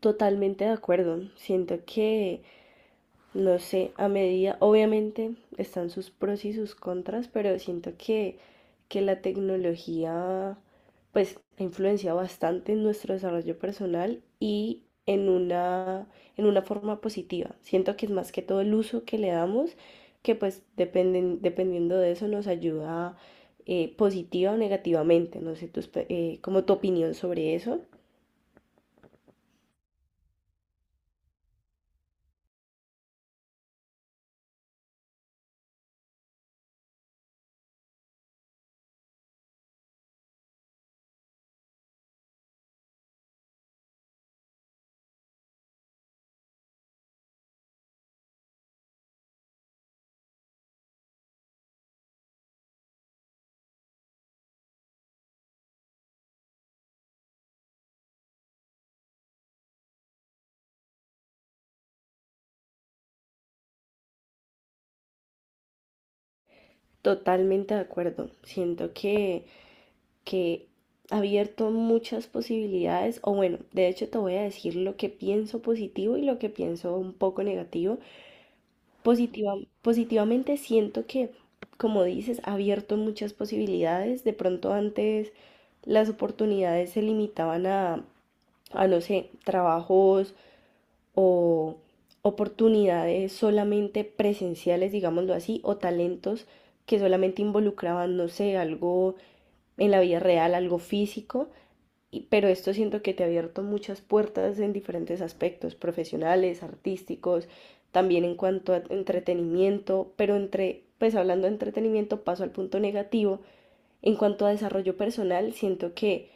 Totalmente de acuerdo. Siento que, no sé, a medida, obviamente están sus pros y sus contras, pero siento que la tecnología pues ha influenciado bastante en nuestro desarrollo personal y en una forma positiva. Siento que es más que todo el uso que le damos, que pues dependen, dependiendo de eso nos ayuda positiva o negativamente. No sé, como tu opinión sobre eso. Totalmente de acuerdo. Siento que ha abierto muchas posibilidades, o bueno, de hecho te voy a decir lo que pienso positivo y lo que pienso un poco negativo. Positiva, positivamente siento que, como dices, ha abierto muchas posibilidades. De pronto antes las oportunidades se limitaban a no sé, trabajos o oportunidades solamente presenciales, digámoslo así, o talentos que solamente involucraban, no sé, algo en la vida real, algo físico, pero esto siento que te ha abierto muchas puertas en diferentes aspectos, profesionales, artísticos, también en cuanto a entretenimiento, pero entre, pues hablando de entretenimiento, paso al punto negativo, en cuanto a desarrollo personal, siento que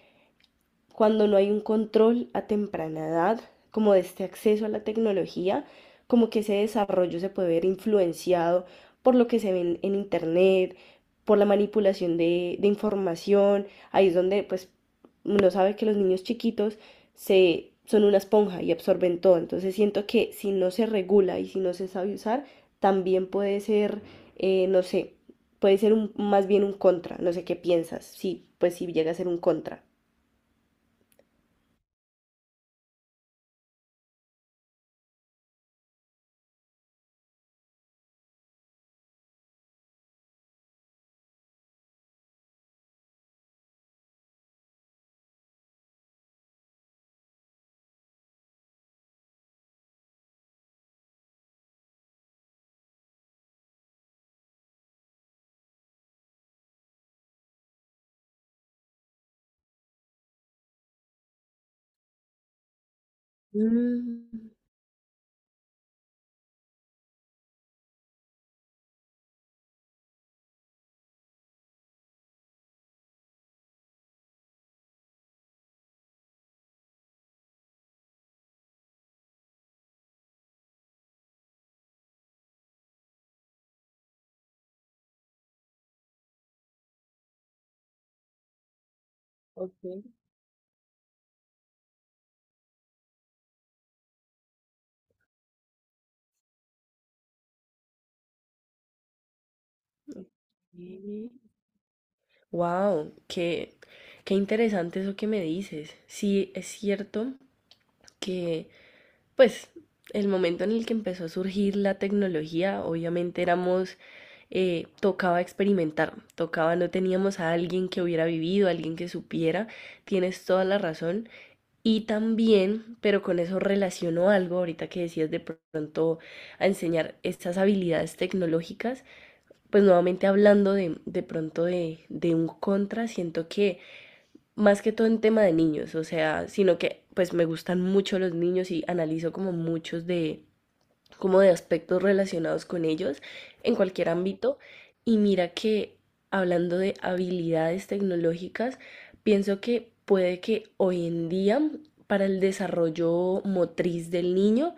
cuando no hay un control a temprana edad, como de este acceso a la tecnología, como que ese desarrollo se puede ver influenciado por lo que se ve en internet, por la manipulación de información. Ahí es donde pues uno sabe que los niños chiquitos son una esponja y absorben todo. Entonces siento que si no se regula y si no se sabe usar, también puede ser, no sé, puede ser un, más bien un contra. No sé qué piensas. Sí, pues si llega a ser un contra. Mm, ok. Wow, qué, qué interesante eso que me dices. Sí, es cierto que, pues, el momento en el que empezó a surgir la tecnología, obviamente éramos, tocaba experimentar, tocaba, no teníamos a alguien que hubiera vivido, alguien que supiera, tienes toda la razón. Y también, pero con eso relaciono algo ahorita que decías de pronto a enseñar estas habilidades tecnológicas. Pues nuevamente hablando de pronto de un contra, siento que más que todo en tema de niños, o sea, sino que pues me gustan mucho los niños y analizo como muchos de, como de aspectos relacionados con ellos en cualquier ámbito. Y mira que hablando de habilidades tecnológicas, pienso que puede que hoy en día para el desarrollo motriz del niño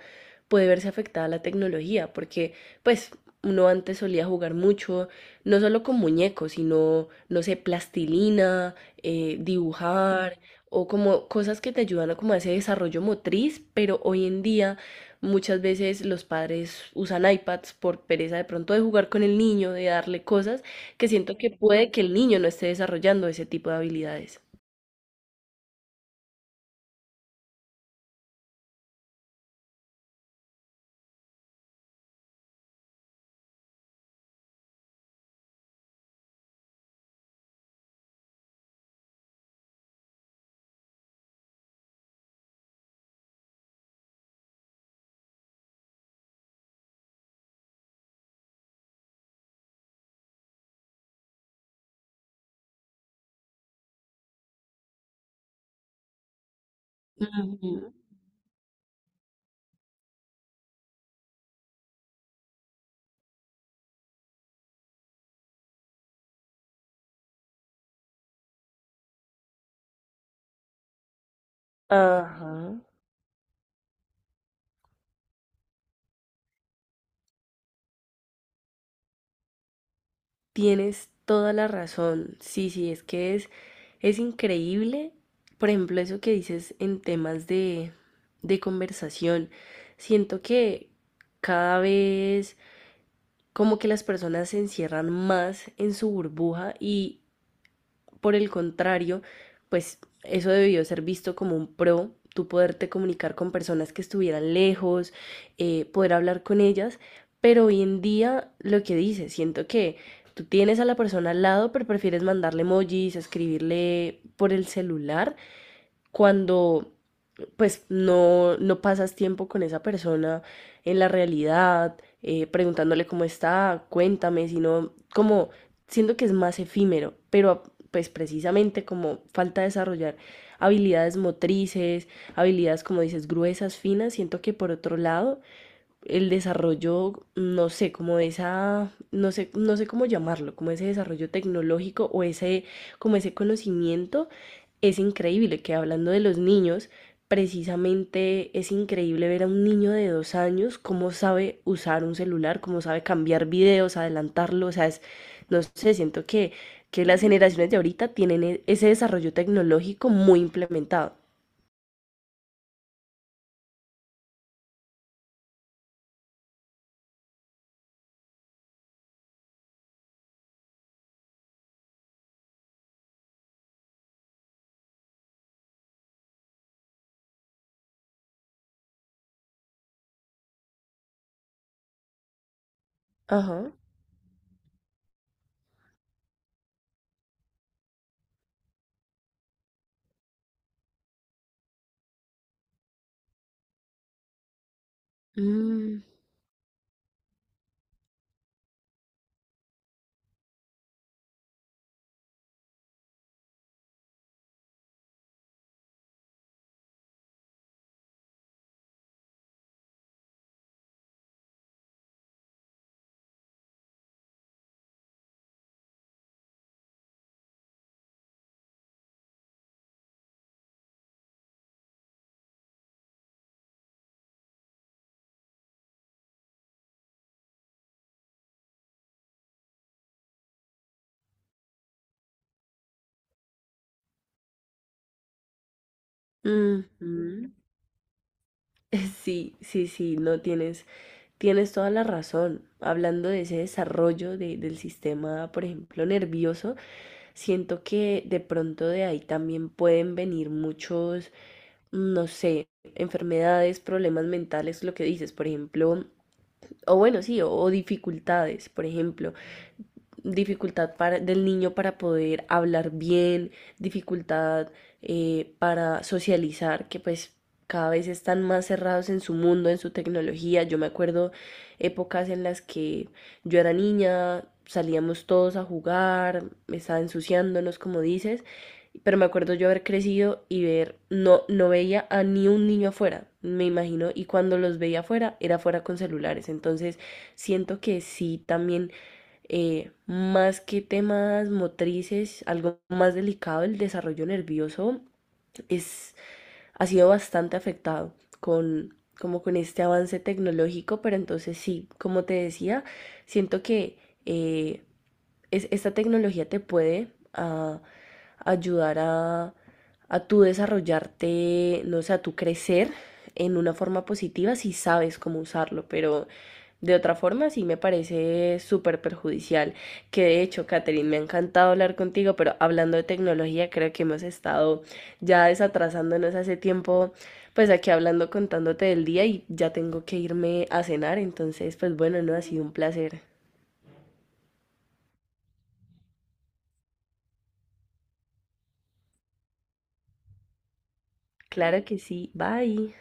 puede verse afectada la tecnología, porque pues uno antes solía jugar mucho, no solo con muñecos, sino, no sé, plastilina, dibujar o como cosas que te ayudan a como a ese desarrollo motriz, pero hoy en día muchas veces los padres usan iPads por pereza de pronto de jugar con el niño, de darle cosas, que siento que puede que el niño no esté desarrollando ese tipo de habilidades. Ujú. Ajá, tienes toda la razón. Sí, sí, es que es increíble, por ejemplo, eso que dices en temas de conversación. Siento que cada vez como que las personas se encierran más en su burbuja y por el contrario, pues eso debió ser visto como un pro, tú poderte comunicar con personas que estuvieran lejos, poder hablar con ellas, pero hoy en día lo que dices, siento que tú tienes a la persona al lado, pero prefieres mandarle emojis, escribirle por el celular, cuando pues no, no pasas tiempo con esa persona en la realidad, preguntándole cómo está, cuéntame, sino como siento que es más efímero, pero pues precisamente como falta desarrollar habilidades motrices, habilidades como dices gruesas, finas, siento que por otro lado el desarrollo, no sé, como esa, no sé, no sé cómo llamarlo, como ese desarrollo tecnológico o ese, como ese conocimiento, es increíble que hablando de los niños, precisamente es increíble ver a un niño de 2 años cómo sabe usar un celular, cómo sabe cambiar videos, adelantarlo, o sea, es, no sé, siento que las generaciones de ahorita tienen ese desarrollo tecnológico muy implementado. Ajá. Mm, mm, mm. Sí, sí, sí, no tienes, tienes toda la razón. Hablando de ese desarrollo del sistema, por ejemplo, nervioso, siento que de pronto de ahí también pueden venir muchos, no sé, enfermedades, problemas mentales, lo que dices, por ejemplo, o bueno, sí, o dificultades, por ejemplo dificultad para, del niño para poder hablar bien, dificultad para socializar, que pues cada vez están más cerrados en su mundo, en su tecnología. Yo me acuerdo épocas en las que yo era niña, salíamos todos a jugar, me estaba ensuciándonos, como dices, pero me acuerdo yo haber crecido y ver, no, no veía a ni un niño afuera, me imagino, y cuando los veía afuera, era afuera con celulares. Entonces, siento que sí también más que temas motrices, algo más delicado, el desarrollo nervioso es, ha sido bastante afectado con, como con este avance tecnológico, pero entonces sí, como te decía, siento que eh, esta tecnología te puede uh, ayudar a tú desarrollarte, no sé, a tú crecer en una forma positiva si sabes cómo usarlo, pero de otra forma sí me parece súper perjudicial. Que de hecho, Catherine, me ha encantado hablar contigo, pero hablando de tecnología creo que hemos estado ya desatrasándonos hace tiempo, pues aquí hablando, contándote del día y ya tengo que irme a cenar, entonces pues bueno, no ha sido un placer. Claro que sí, bye.